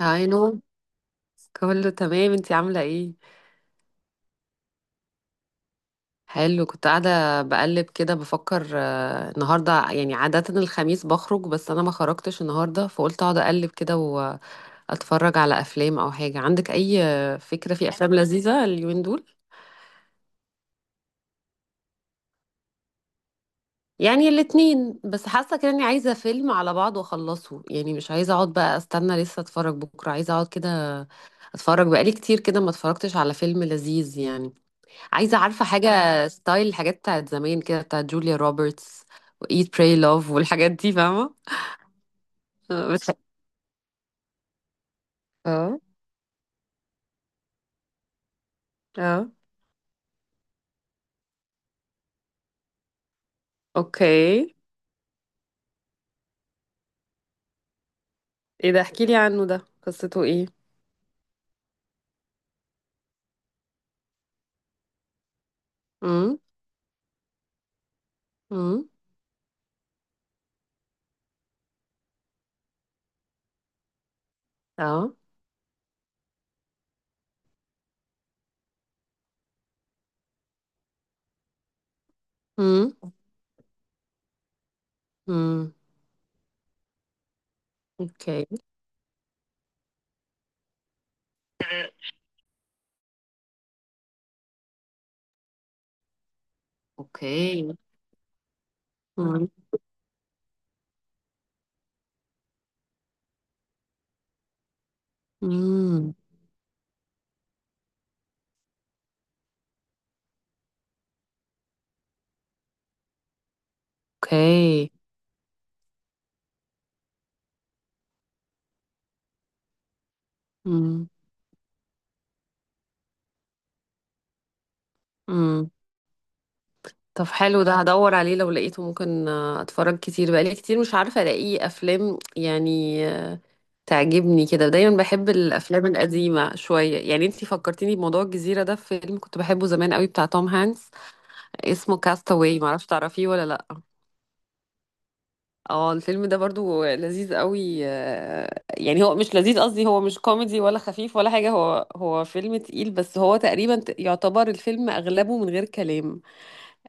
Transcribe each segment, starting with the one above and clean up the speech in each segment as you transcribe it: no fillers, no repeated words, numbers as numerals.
هاي نو. كله تمام، انتي عاملة ايه؟ حلو، كنت قاعدة بقلب كده بفكر، النهاردة يعني عادة الخميس بخرج، بس انا ما خرجتش النهاردة فقلت اقعد اقلب كده واتفرج على افلام او حاجة. عندك اي فكرة في افلام لذيذة اليومين دول؟ يعني الاتنين، بس حاسة كده اني عايزة فيلم على بعض واخلصه، يعني مش عايزة اقعد بقى استنى لسه اتفرج بكرة، عايزة اقعد كده اتفرج. بقالي كتير كده ما اتفرجتش على فيلم لذيذ يعني. عايزة عارفة حاجة؟ ستايل الحاجات بتاعت زمان كده، بتاعت جوليا روبرتس وإيت براي لوف والحاجات دي، فاهمة؟ اه. اه. آه. اوكي. ايه ده، احكيلي عنه ده، قصته ايه؟ امم. امم. اه. امم. امم. اوكي. اوكي. امم. امم. اوكي. امم. امم. طب حلو، ده هدور عليه لو لقيته ممكن اتفرج. كتير بقالي كتير مش عارفة الاقي افلام يعني تعجبني كده، دايما بحب الافلام القديمه شويه يعني. انتي فكرتيني بموضوع الجزيره ده، في فيلم كنت بحبه زمان قوي بتاع توم هانكس، اسمه كاستاوي، معرفش تعرفيه ولا لا. اه الفيلم ده برضو لذيذ قوي، يعني هو مش لذيذ، قصدي هو مش كوميدي ولا خفيف ولا حاجه، هو فيلم تقيل، بس هو تقريبا يعتبر الفيلم اغلبه من غير كلام.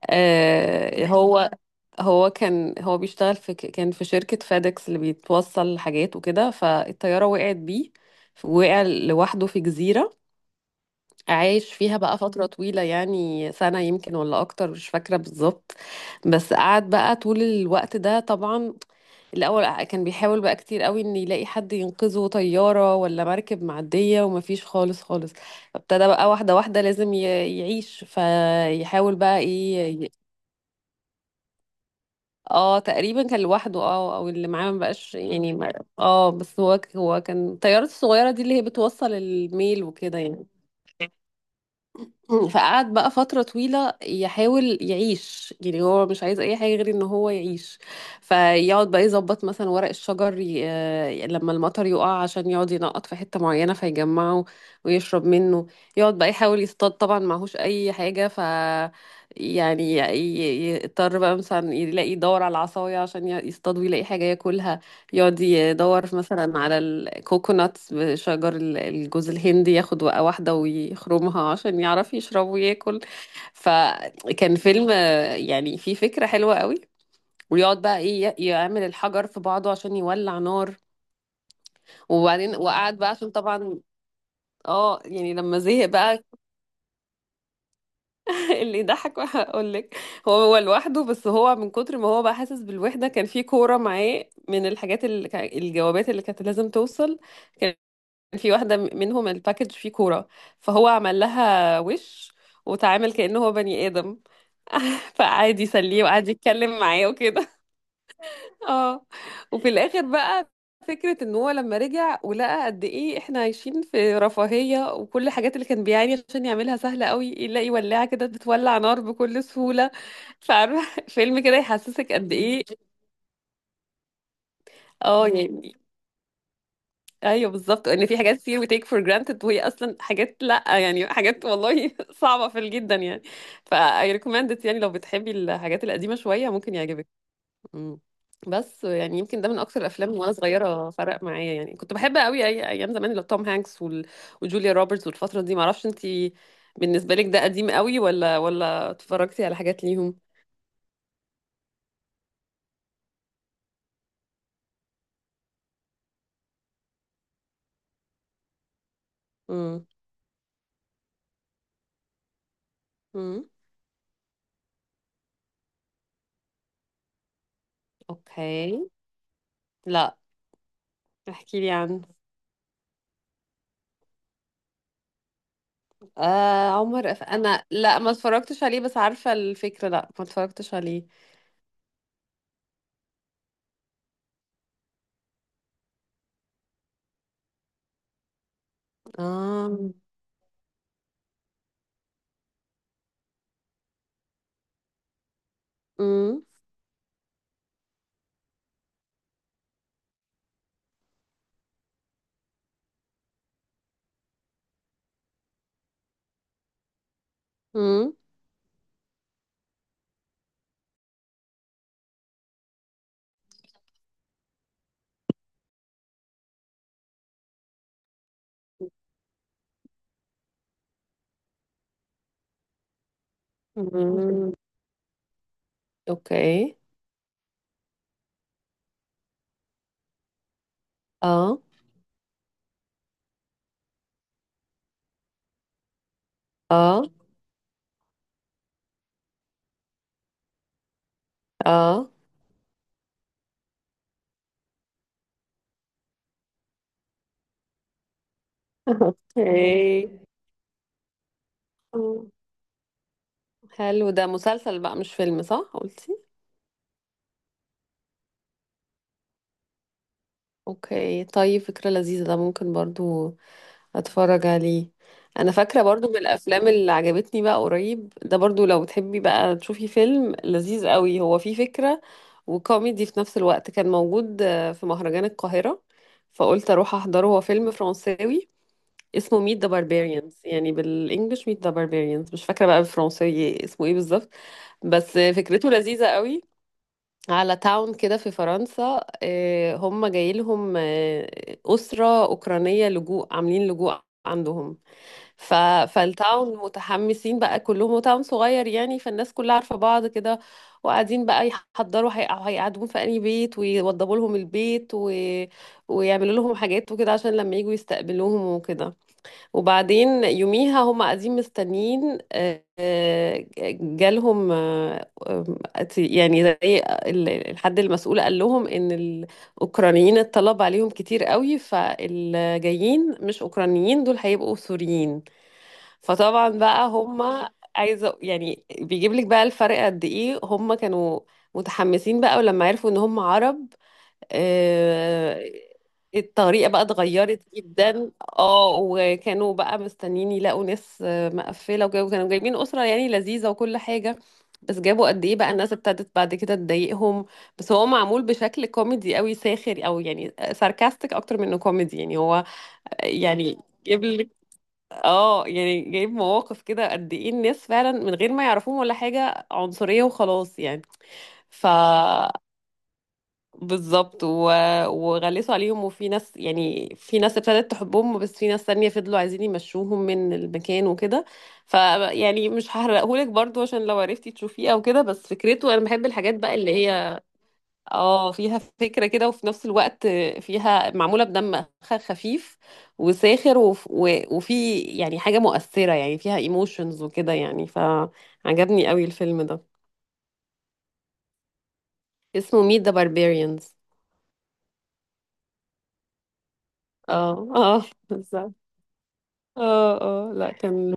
آه هو. هو كان بيشتغل في كان في شركة فادكس اللي بيتوصل حاجات وكده، فالطيارة وقعت بيه، وقع لوحده في جزيرة. عايش فيها بقى فترة طويلة، يعني سنة يمكن ولا أكتر مش فاكرة بالظبط. بس قعد بقى طول الوقت ده طبعا، الأول كان بيحاول بقى كتير قوي إن يلاقي حد ينقذه، طيارة ولا مركب معدية، ومفيش خالص خالص. ابتدى بقى واحدة واحدة، لازم يعيش، فيحاول بقى إيه. اه تقريبا كان لوحده، اه، او اللي معاه ما بقاش يعني اه، بس هو كان الطيارات الصغيره دي اللي هي بتوصل الميل وكده يعني. فقعد بقى فترة طويلة يحاول يعيش، يعني هو مش عايز أي حاجة غير إن هو يعيش. فيقعد بقى يظبط مثلا ورق الشجر ي... آه، لما المطر يقع عشان يقعد ينقط في حتة معينة فيجمعه ويشرب منه. يقعد بقى يحاول يصطاد، طبعا معهوش أي حاجة، ف يعني يضطر بقى مثلا يلاقي، يدور على العصاية عشان يصطاد ويلاقي حاجة ياكلها. يقعد يدور مثلا على الكوكوناتس، بشجر الجوز الهندي، ياخد وقعة واحدة ويخرمها عشان يعرف يشرب وياكل. فكان فيلم يعني فيه فكرة حلوة قوي. ويقعد بقى ايه، يعمل الحجر في بعضه عشان يولع نار. وبعدين وقعد بقى عشان طبعا، اه يعني لما زهق بقى. اللي يضحك هقول لك، هو لوحده، بس هو من كتر ما هو بقى حاسس بالوحدة، كان في كورة معاه من الحاجات اللي الجوابات اللي كانت لازم توصل. في واحدة منهم الباكج فيه كورة، فهو عمل لها وش وتعامل كأنه هو بني آدم. فقعد يسليه وقعد يتكلم معاه وكده. اه. وفي الآخر بقى، فكرة ان هو لما رجع ولقى قد ايه احنا عايشين في رفاهية، وكل الحاجات اللي كان بيعاني عشان يعملها سهلة قوي، يلاقي ولاعة كده بتولع نار بكل سهولة. فعارفة فيلم كده يحسسك قد ايه. اه يعني، ايوه بالظبط، ان في حاجات كتير we take for granted، وهي اصلا حاجات، لا يعني حاجات والله صعبه جدا يعني. ف I recommend it، يعني لو بتحبي الحاجات القديمه شويه ممكن يعجبك. أمم. بس يعني يمكن ده من اكتر الافلام وانا صغيره فرق معايا يعني، كنت بحب قوي أي ايام زمان اللي توم هانكس وجوليا روبرتس والفتره دي، معرفش انتي بالنسبه لك ده قديم قوي ولا، ولا اتفرجتي على حاجات ليهم. امم. امم. اوكي. لا، احكي لي عنه. آه عمر انا لا، ما اتفرجتش عليه بس عارفة الفكرة، لا ما اتفرجتش عليه. اه. امم. امم. أمم. اوكي. اه. اه. اه. اوكي. آه. حلو، ده مسلسل بقى مش فيلم، صح قلتي؟ اوكي طيب، فكرة لذيذة، ده ممكن برضو هتفرج عليه. انا فاكره برضو من الافلام اللي عجبتني بقى قريب، ده برضو لو بتحبي بقى تشوفي فيلم لذيذ قوي، هو فيه فكره وكوميدي في نفس الوقت. كان موجود في مهرجان القاهره، فقلت اروح احضره. هو فيلم فرنساوي اسمه ميت ذا باربيريانز، يعني بالانجلش ميت ذا باربيريانز، مش فاكره بقى بالفرنساوي اسمه ايه بالظبط. بس فكرته لذيذة قوي، على تاون كده في فرنسا، هم جاي لهم أسرة أوكرانية لجوء، عاملين لجوء عندهم، ف... فالتاون متحمسين بقى كلهم، وتاون صغير يعني فالناس كلها عارفة بعض كده، وقاعدين بقى يحضروا، هيقعدون في أي بيت، ويوضبوا لهم البيت و... ويعملوا لهم حاجات وكده عشان لما يجوا يستقبلوهم وكده. وبعدين يوميها هم قاعدين مستنيين، جالهم، يعني زي الحد المسؤول قال لهم ان الأوكرانيين الطلب عليهم كتير قوي، فالجايين مش أوكرانيين، دول هيبقوا سوريين. فطبعا بقى هما عايزه يعني بيجيب لك بقى الفرق قد ايه، هما كانوا متحمسين بقى، ولما عرفوا ان هما عرب، آه، الطريقه بقى اتغيرت جدا. اه، وكانوا بقى مستنيين يلاقوا ناس مقفله وكده، وكانوا جايبين اسره يعني لذيذه وكل حاجه، بس جابوا قد ايه بقى الناس ابتدت بعد كده تضايقهم. بس هو معمول بشكل كوميدي قوي، ساخر، او يعني ساركاستيك اكتر منه كوميدي يعني هو. يعني اه، يعني جايب مواقف كده قد ايه الناس فعلا من غير ما يعرفوهم ولا حاجة عنصرية وخلاص يعني. ف بالظبط و... وغلسوا عليهم، وفي ناس، يعني في ناس ابتدت تحبهم، بس في ناس تانية فضلوا عايزين يمشوهم من المكان وكده. ف يعني مش هحرقهولك برضو عشان لو عرفتي تشوفيه او كده، بس فكرته، انا بحب الحاجات بقى اللي هي اه فيها فكرة كده، وفي نفس الوقت فيها، معمولة بدم خفيف وساخر، وفي يعني حاجة مؤثرة يعني فيها ايموشنز وكده يعني، فعجبني قوي الفيلم ده. اسمه Meet the Barbarians. اه اه بالظبط. اه اه لا كان.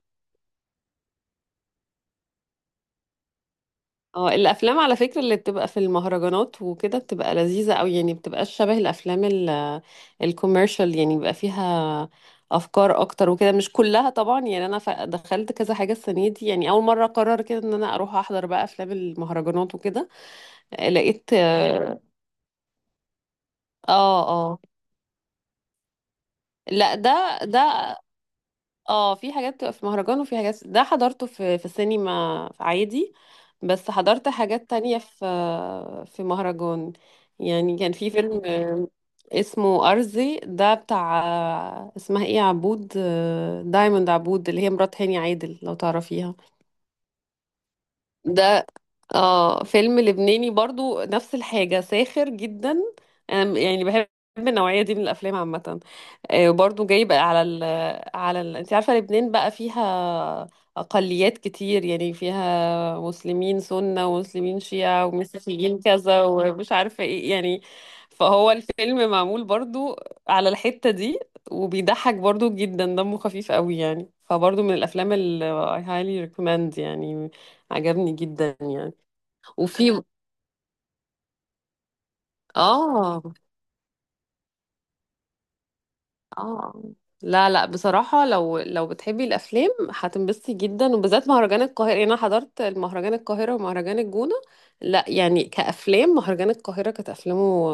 اه الافلام على فكره اللي بتبقى في المهرجانات وكده بتبقى لذيذه قوي، يعني بتبقى شبه الافلام الكوميرشال، يعني بيبقى فيها افكار اكتر وكده، مش كلها طبعا يعني، انا دخلت كذا حاجه السنه دي يعني، اول مره قرر كده ان انا اروح احضر بقى افلام المهرجانات وكده. لقيت اه. اه. آه. لا ده اه في حاجات بتبقى في مهرجان وفي حاجات، ده حضرته في سينما عادي، بس حضرت حاجات تانية في مهرجان. يعني كان في فيلم اسمه أرزي، ده بتاع اسمها ايه، عبود دايموند عبود، اللي هي مرات هاني عادل لو تعرفيها. ده اه فيلم لبناني برضو نفس الحاجة ساخر جدا. أنا يعني بحب النوعية دي من الأفلام عامة. برضو جايب على ال على ال أنت عارفة لبنان بقى فيها أقليات كتير، يعني فيها مسلمين سنة ومسلمين شيعة ومسيحيين كذا ومش عارفة إيه يعني. فهو الفيلم معمول برضو على الحتة دي، وبيضحك برضو جدا، دمه خفيف قوي يعني، فبرضو من الأفلام اللي I highly recommend يعني، عجبني جدا يعني. وفي اه. اه. لا لا بصراحة، لو لو بتحبي الأفلام هتنبسطي جدا، وبالذات مهرجان القاهرة. يعني أنا حضرت المهرجان القاهرة ومهرجان الجونة، لا يعني كأفلام مهرجان القاهرة كانت أفلامه،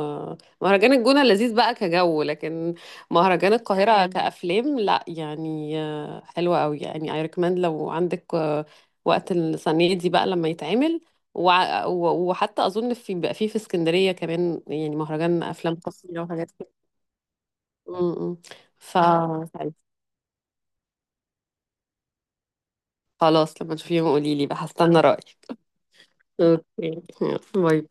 مهرجان الجونة لذيذ بقى كجو، لكن مهرجان القاهرة أيوة كأفلام. لا يعني حلوة أوي يعني، I recommend لو عندك وقت السنة دي بقى لما يتعمل. وحتى أظن في بقى في اسكندرية كمان يعني مهرجان أفلام قصيرة وحاجات. م-م. ف خلاص، لما تشوفيهم قولي لي بقى هستنى رأيك. اوكي، يلا، باي.